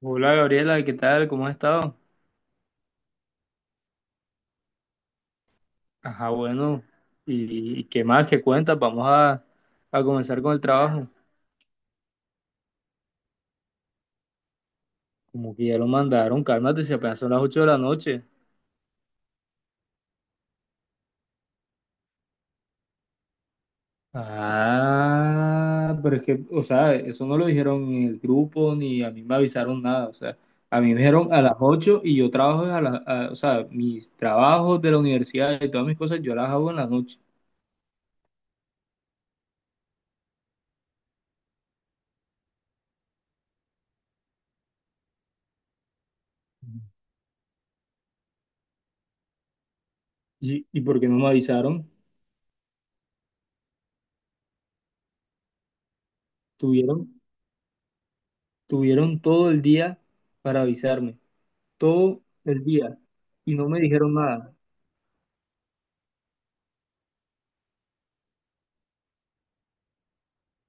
Hola Gabriela, ¿qué tal? ¿Cómo has estado? Ajá, bueno, ¿y qué más? ¿Qué cuentas? Vamos a comenzar con el trabajo. Como que ya lo mandaron, cálmate, si apenas son las 8 de la noche. Ah, pero es que, o sea, eso no lo dijeron en el grupo ni a mí me avisaron nada, o sea, a mí me dijeron a las 8 y yo trabajo o sea, mis trabajos de la universidad y todas mis cosas yo las hago en la noche. ¿Y por qué no me avisaron? Tuvieron, tuvieron todo el día para avisarme. Todo el día y no me dijeron nada.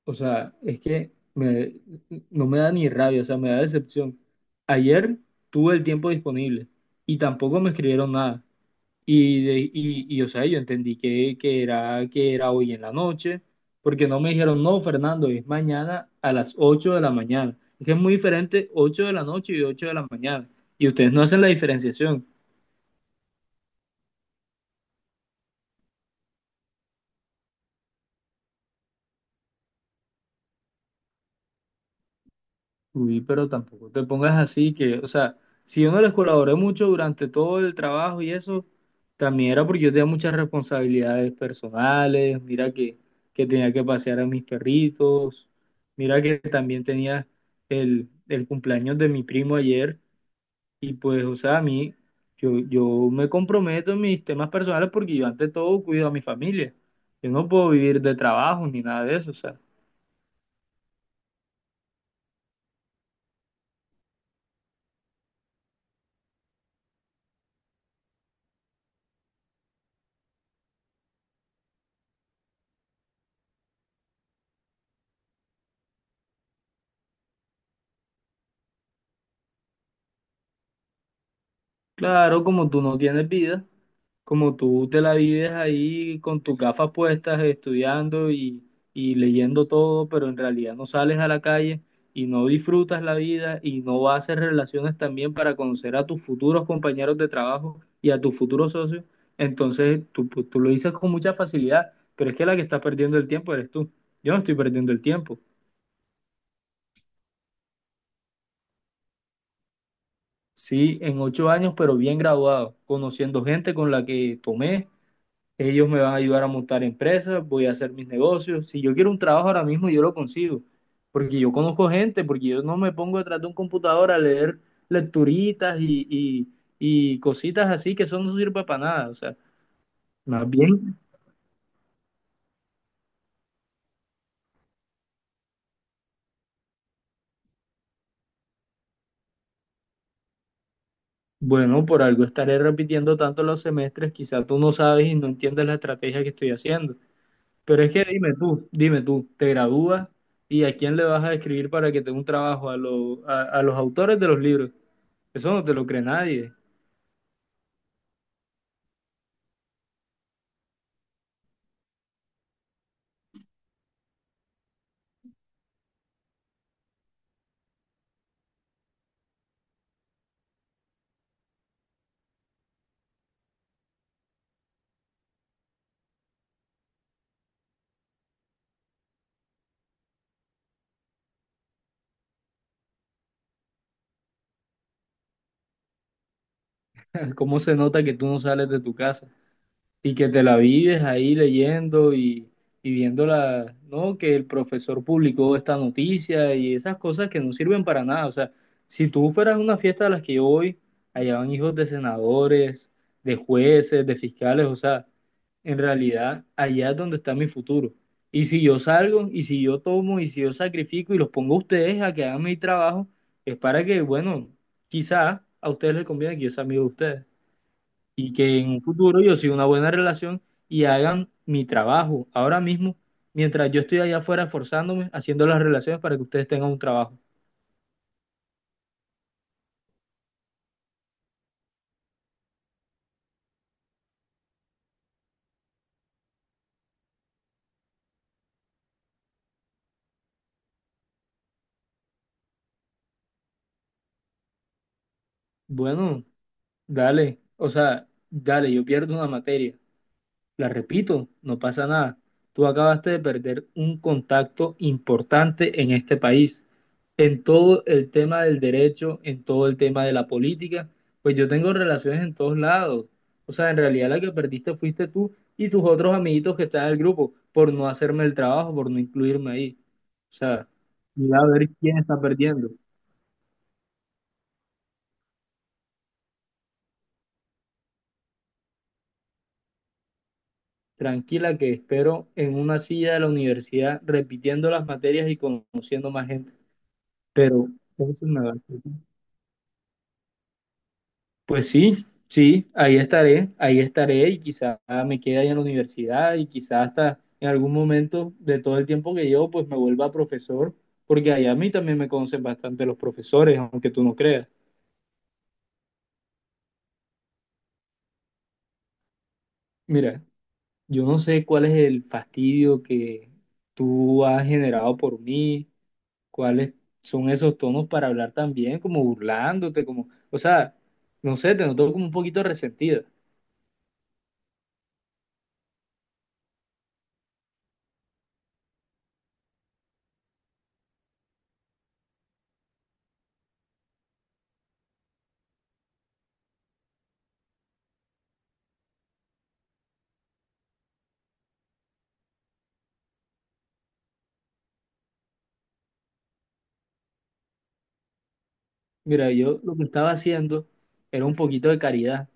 O sea, es que no me da ni rabia, o sea, me da decepción. Ayer tuve el tiempo disponible y tampoco me escribieron nada. Y, o sea, yo entendí que era hoy en la noche, porque no me dijeron, no, Fernando, es mañana a las 8 de la mañana. Es que es muy diferente 8 de la noche y 8 de la mañana. Y ustedes no hacen la diferenciación. Uy, pero tampoco te pongas así que, o sea, si yo no les colaboré mucho durante todo el trabajo y eso, también era porque yo tenía muchas responsabilidades personales, mira que tenía que pasear a mis perritos, mira que también tenía el cumpleaños de mi primo ayer y pues, o sea, a mí, yo me comprometo en mis temas personales porque yo ante todo cuido a mi familia, yo no puedo vivir de trabajo ni nada de eso, o sea. Claro, como tú no tienes vida, como tú te la vives ahí con tus gafas puestas, estudiando y leyendo todo, pero en realidad no sales a la calle y no disfrutas la vida y no vas a hacer relaciones también para conocer a tus futuros compañeros de trabajo y a tus futuros socios, entonces tú, pues, tú lo dices con mucha facilidad, pero es que la que está perdiendo el tiempo eres tú. Yo no estoy perdiendo el tiempo. Sí, en 8 años, pero bien graduado, conociendo gente con la que tomé. Ellos me van a ayudar a montar empresas, voy a hacer mis negocios. Si yo quiero un trabajo ahora mismo, yo lo consigo. Porque yo conozco gente, porque yo no me pongo detrás de un computador a leer lecturitas y cositas así que eso no sirve para nada. O sea, más bien, bueno, por algo estaré repitiendo tanto los semestres, quizás tú no sabes y no entiendes la estrategia que estoy haciendo. Pero es que dime tú, te gradúas y a quién le vas a escribir para que tenga un trabajo, a los autores de los libros. Eso no te lo cree nadie. Cómo se nota que tú no sales de tu casa y que te la vives ahí leyendo y viendo la, ¿no? Que el profesor publicó esta noticia y esas cosas que no sirven para nada. O sea, si tú fueras a una fiesta de las que yo voy, allá van hijos de senadores, de jueces, de fiscales, o sea, en realidad allá es donde está mi futuro. Y si yo salgo, y si yo tomo, y si yo sacrifico y los pongo a ustedes a que hagan mi trabajo, es para que, bueno, quizá a ustedes les conviene que yo sea amigo de ustedes y que en un futuro yo siga una buena relación y hagan mi trabajo ahora mismo, mientras yo estoy allá afuera esforzándome, haciendo las relaciones para que ustedes tengan un trabajo. Bueno, dale, o sea, dale, yo pierdo una materia. La repito, no pasa nada. Tú acabaste de perder un contacto importante en este país, en todo el tema del derecho, en todo el tema de la política. Pues yo tengo relaciones en todos lados. O sea, en realidad la que perdiste fuiste tú y tus otros amiguitos que están en el grupo por no hacerme el trabajo, por no incluirme ahí. O sea, mira a ver quién está perdiendo. Tranquila que espero en una silla de la universidad repitiendo las materias y conociendo más gente. Pero eso me va a hacer. Pues sí, sí, ahí estaré y quizá me quede ahí en la universidad y quizá hasta en algún momento de todo el tiempo que llevo pues me vuelva profesor, porque allá a mí también me conocen bastante los profesores, aunque tú no creas. Mira, yo no sé cuál es el fastidio que tú has generado por mí, cuáles son esos tonos para hablar tan bien, como burlándote, como, o sea, no sé, te noto como un poquito resentida. Mira, yo lo que estaba haciendo era un poquito de caridad,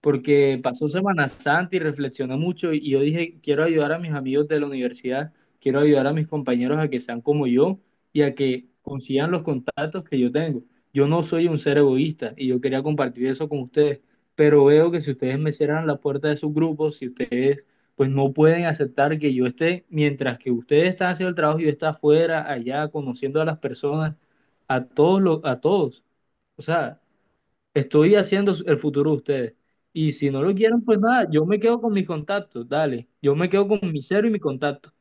porque pasó Semana Santa y reflexioné mucho y yo dije, quiero ayudar a mis amigos de la universidad, quiero ayudar a mis compañeros a que sean como yo y a que consigan los contactos que yo tengo. Yo no soy un ser egoísta y yo quería compartir eso con ustedes, pero veo que si ustedes me cierran la puerta de sus grupos, si ustedes pues no pueden aceptar que yo esté, mientras que ustedes están haciendo el trabajo y yo esté afuera, allá, conociendo a las personas, a todos los, a todos. O sea, estoy haciendo el futuro de ustedes. Y si no lo quieren, pues nada, yo me quedo con mis contactos, dale. Yo me quedo con mi cero y mi contacto.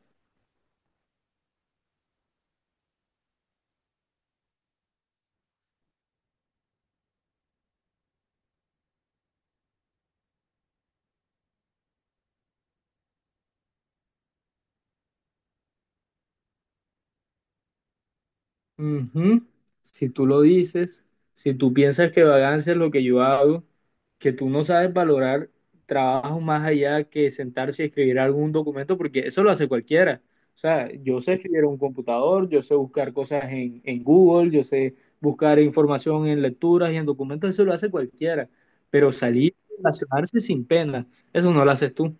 Ujú. Si tú lo dices, si tú piensas que vagancia es lo que yo hago, que tú no sabes valorar trabajo más allá que sentarse y escribir algún documento, porque eso lo hace cualquiera. O sea, yo sé escribir en un computador, yo sé buscar cosas en Google, yo sé buscar información en lecturas y en documentos, eso lo hace cualquiera. Pero salir y relacionarse sin pena, eso no lo haces tú.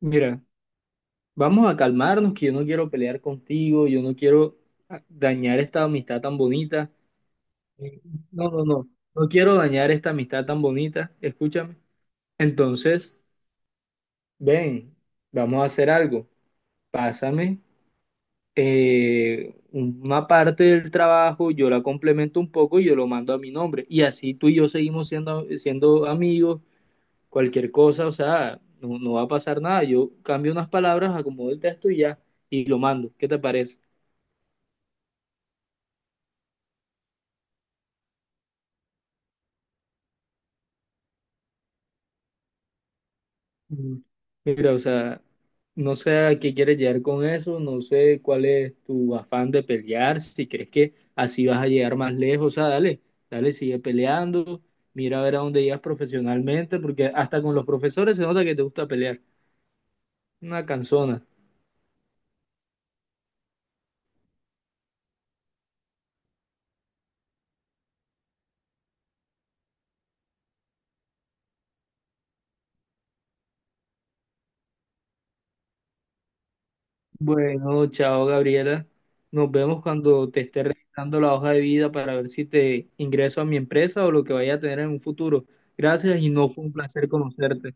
Mira, vamos a calmarnos, que yo no quiero pelear contigo, yo no quiero dañar esta amistad tan bonita. Eh, No, no, no. No quiero dañar esta amistad tan bonita. Escúchame. Entonces, ven, vamos a hacer algo. Pásame una parte del trabajo, yo la complemento un poco y yo lo mando a mi nombre. Y así tú y yo seguimos siendo amigos, cualquier cosa, o sea, no, no va a pasar nada. Yo cambio unas palabras, acomodo el texto y ya, y lo mando. ¿Qué te parece? Mm. Mira, o sea, no sé a qué quieres llegar con eso, no sé cuál es tu afán de pelear, si crees que así vas a llegar más lejos, o sea, dale, dale, sigue peleando, mira a ver a dónde llegas profesionalmente, porque hasta con los profesores se nota que te gusta pelear. Una canzona. Bueno, chao Gabriela, nos vemos cuando te esté revisando la hoja de vida para ver si te ingreso a mi empresa o lo que vaya a tener en un futuro. Gracias y no fue un placer conocerte.